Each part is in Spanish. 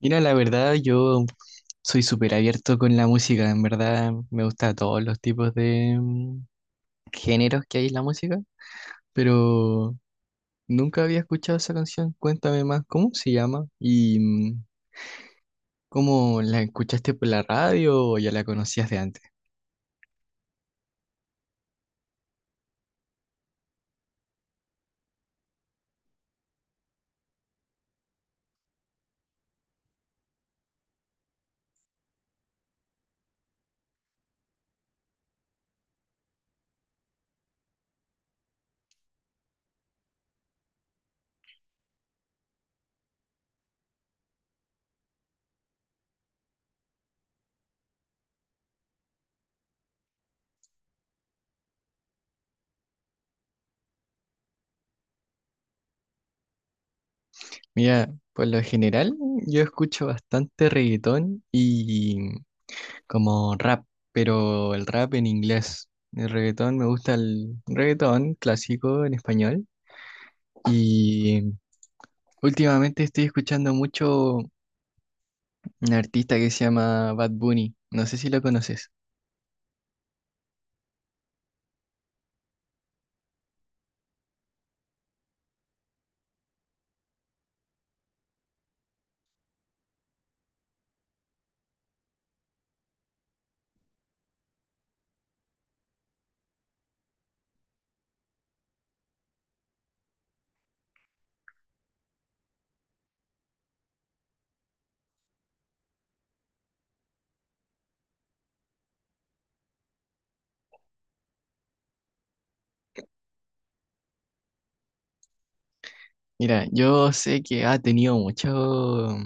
Mira, la verdad, yo soy súper abierto con la música. En verdad, me gusta todos los tipos de géneros que hay en la música, pero nunca había escuchado esa canción. Cuéntame más, ¿cómo se llama? ¿Y cómo la escuchaste por la radio o ya la conocías de antes? Mira, por lo general, yo escucho bastante reggaetón y como rap, pero el rap en inglés. El reggaetón me gusta el reggaetón clásico en español. Y últimamente estoy escuchando mucho un artista que se llama Bad Bunny. No sé si lo conoces. Mira, yo sé que ha tenido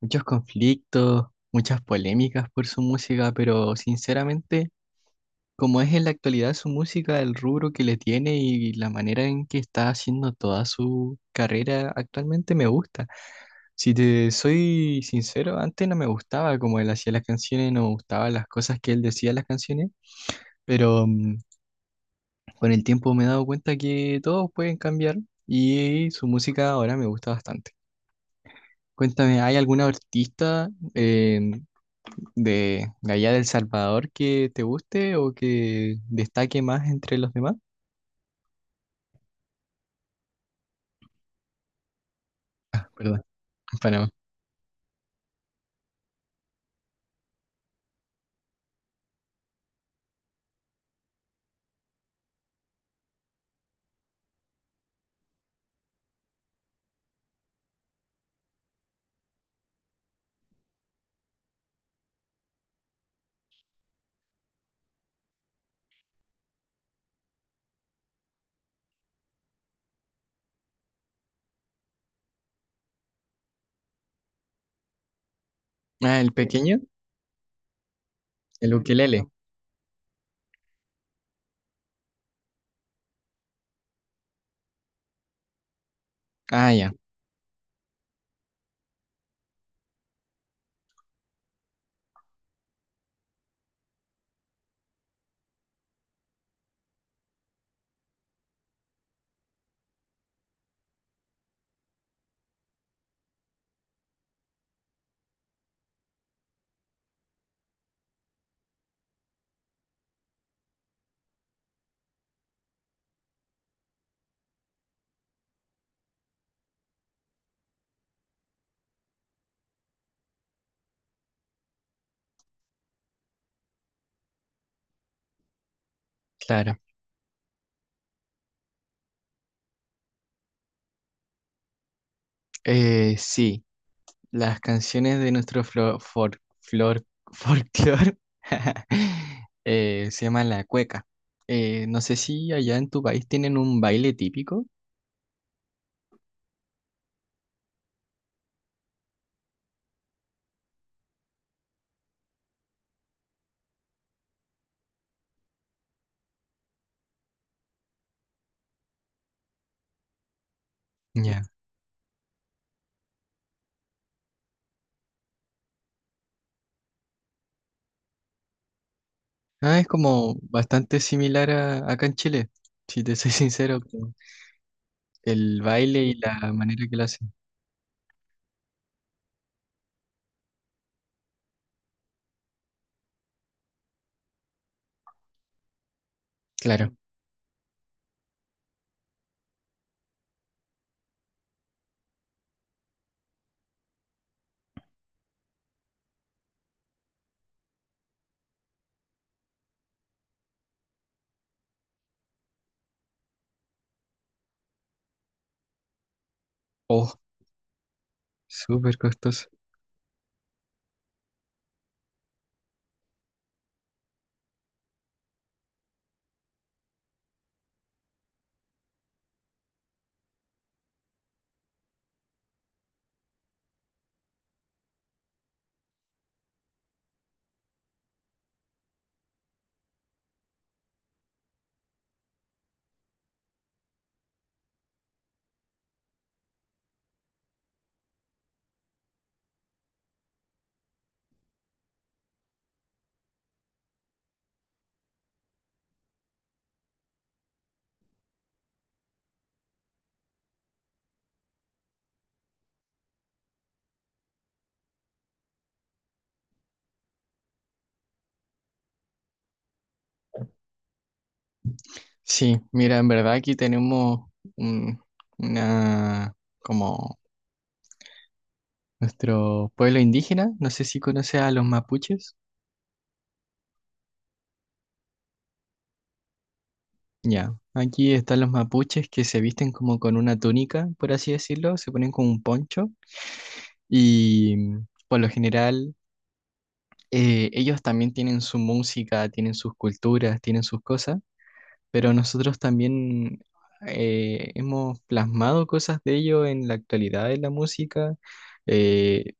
muchos conflictos, muchas polémicas por su música, pero sinceramente, como es en la actualidad su música, el rubro que le tiene y la manera en que está haciendo toda su carrera actualmente me gusta. Si te soy sincero, antes no me gustaba como él hacía las canciones, no me gustaban las cosas que él decía en las canciones, pero con el tiempo me he dado cuenta que todos pueden cambiar y su música ahora me gusta bastante. Cuéntame, ¿hay algún artista de allá del Salvador que te guste o que destaque más entre los demás? Perdón, Panamá. Ah, el pequeño, el ukelele. Ah, ya, claro. Sí, las canciones de nuestro flor, folclor se llaman la cueca. No sé si allá en tu país tienen un baile típico. Ya. Ah, es como bastante similar a acá en Chile, si te soy sincero, como el baile y la manera que lo hacen. Claro. Oh, súper costoso. Sí, mira, en verdad aquí tenemos un- una, como nuestro pueblo indígena, no sé si conoces a los mapuches. Ya, aquí están los mapuches que se visten como con una túnica, por así decirlo, se ponen con un poncho y por lo general ellos también tienen su música, tienen sus culturas, tienen sus cosas, pero nosotros también hemos plasmado cosas de ellos en la actualidad en la música. eh,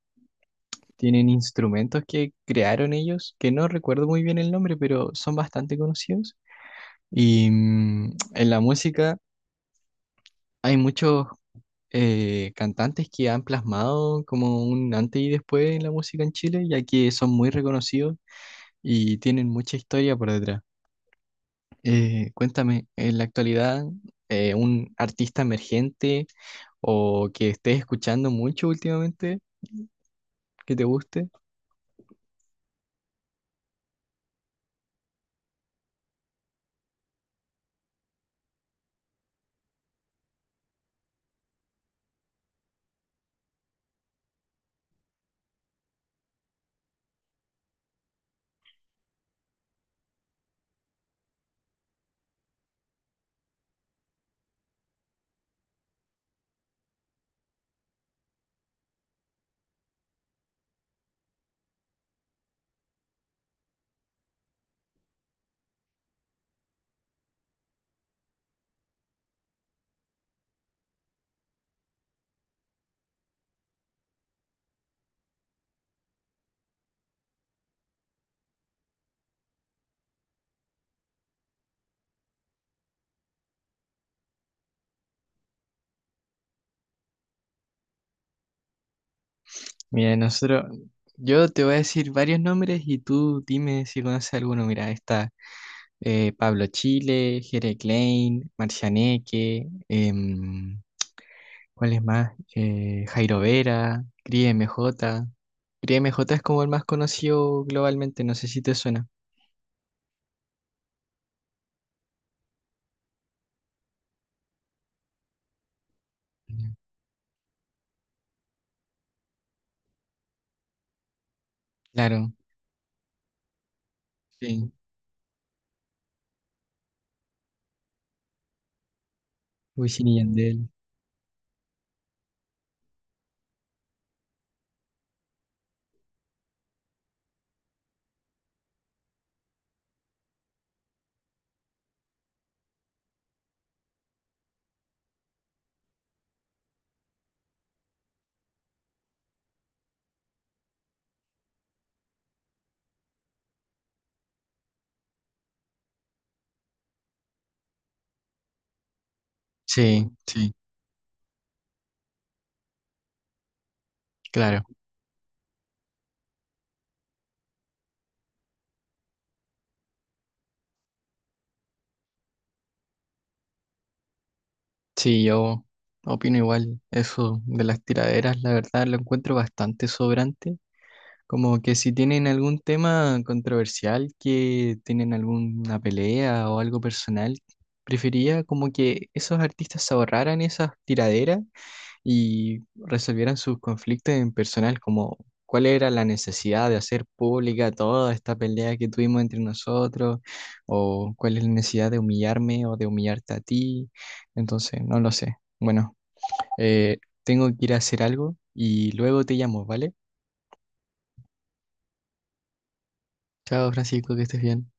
Tienen instrumentos que crearon ellos, que no recuerdo muy bien el nombre, pero son bastante conocidos. Y en la música hay muchos cantantes que han plasmado como un antes y después en la música en Chile, ya que son muy reconocidos y tienen mucha historia por detrás. Cuéntame, en la actualidad, un artista emergente o que estés escuchando mucho últimamente, que te guste. Mira, nosotros, yo te voy a decir varios nombres y tú dime si conoces alguno. Mira, está Pablo Chile, Jere Klein, Marcianeque, ¿cuál es más? Jairo Vera, Cris MJ. Cris M J es como el más conocido globalmente, no sé si te suena. Ya. Claro, sí. Wisin y Yandel. Sí, sí, claro. Sí, yo opino igual. Eso de las tiraderas, la verdad, lo encuentro bastante sobrante. Como que si tienen algún tema controversial, que tienen alguna pelea o algo personal, prefería como que esos artistas se ahorraran esas tiraderas y resolvieran sus conflictos en personal, como cuál era la necesidad de hacer pública toda esta pelea que tuvimos entre nosotros, o cuál es la necesidad de humillarme o de humillarte a ti. Entonces, no lo sé. Bueno, eh, tengo que ir a hacer algo y luego te llamo, ¿vale? Chao, Francisco, que estés bien.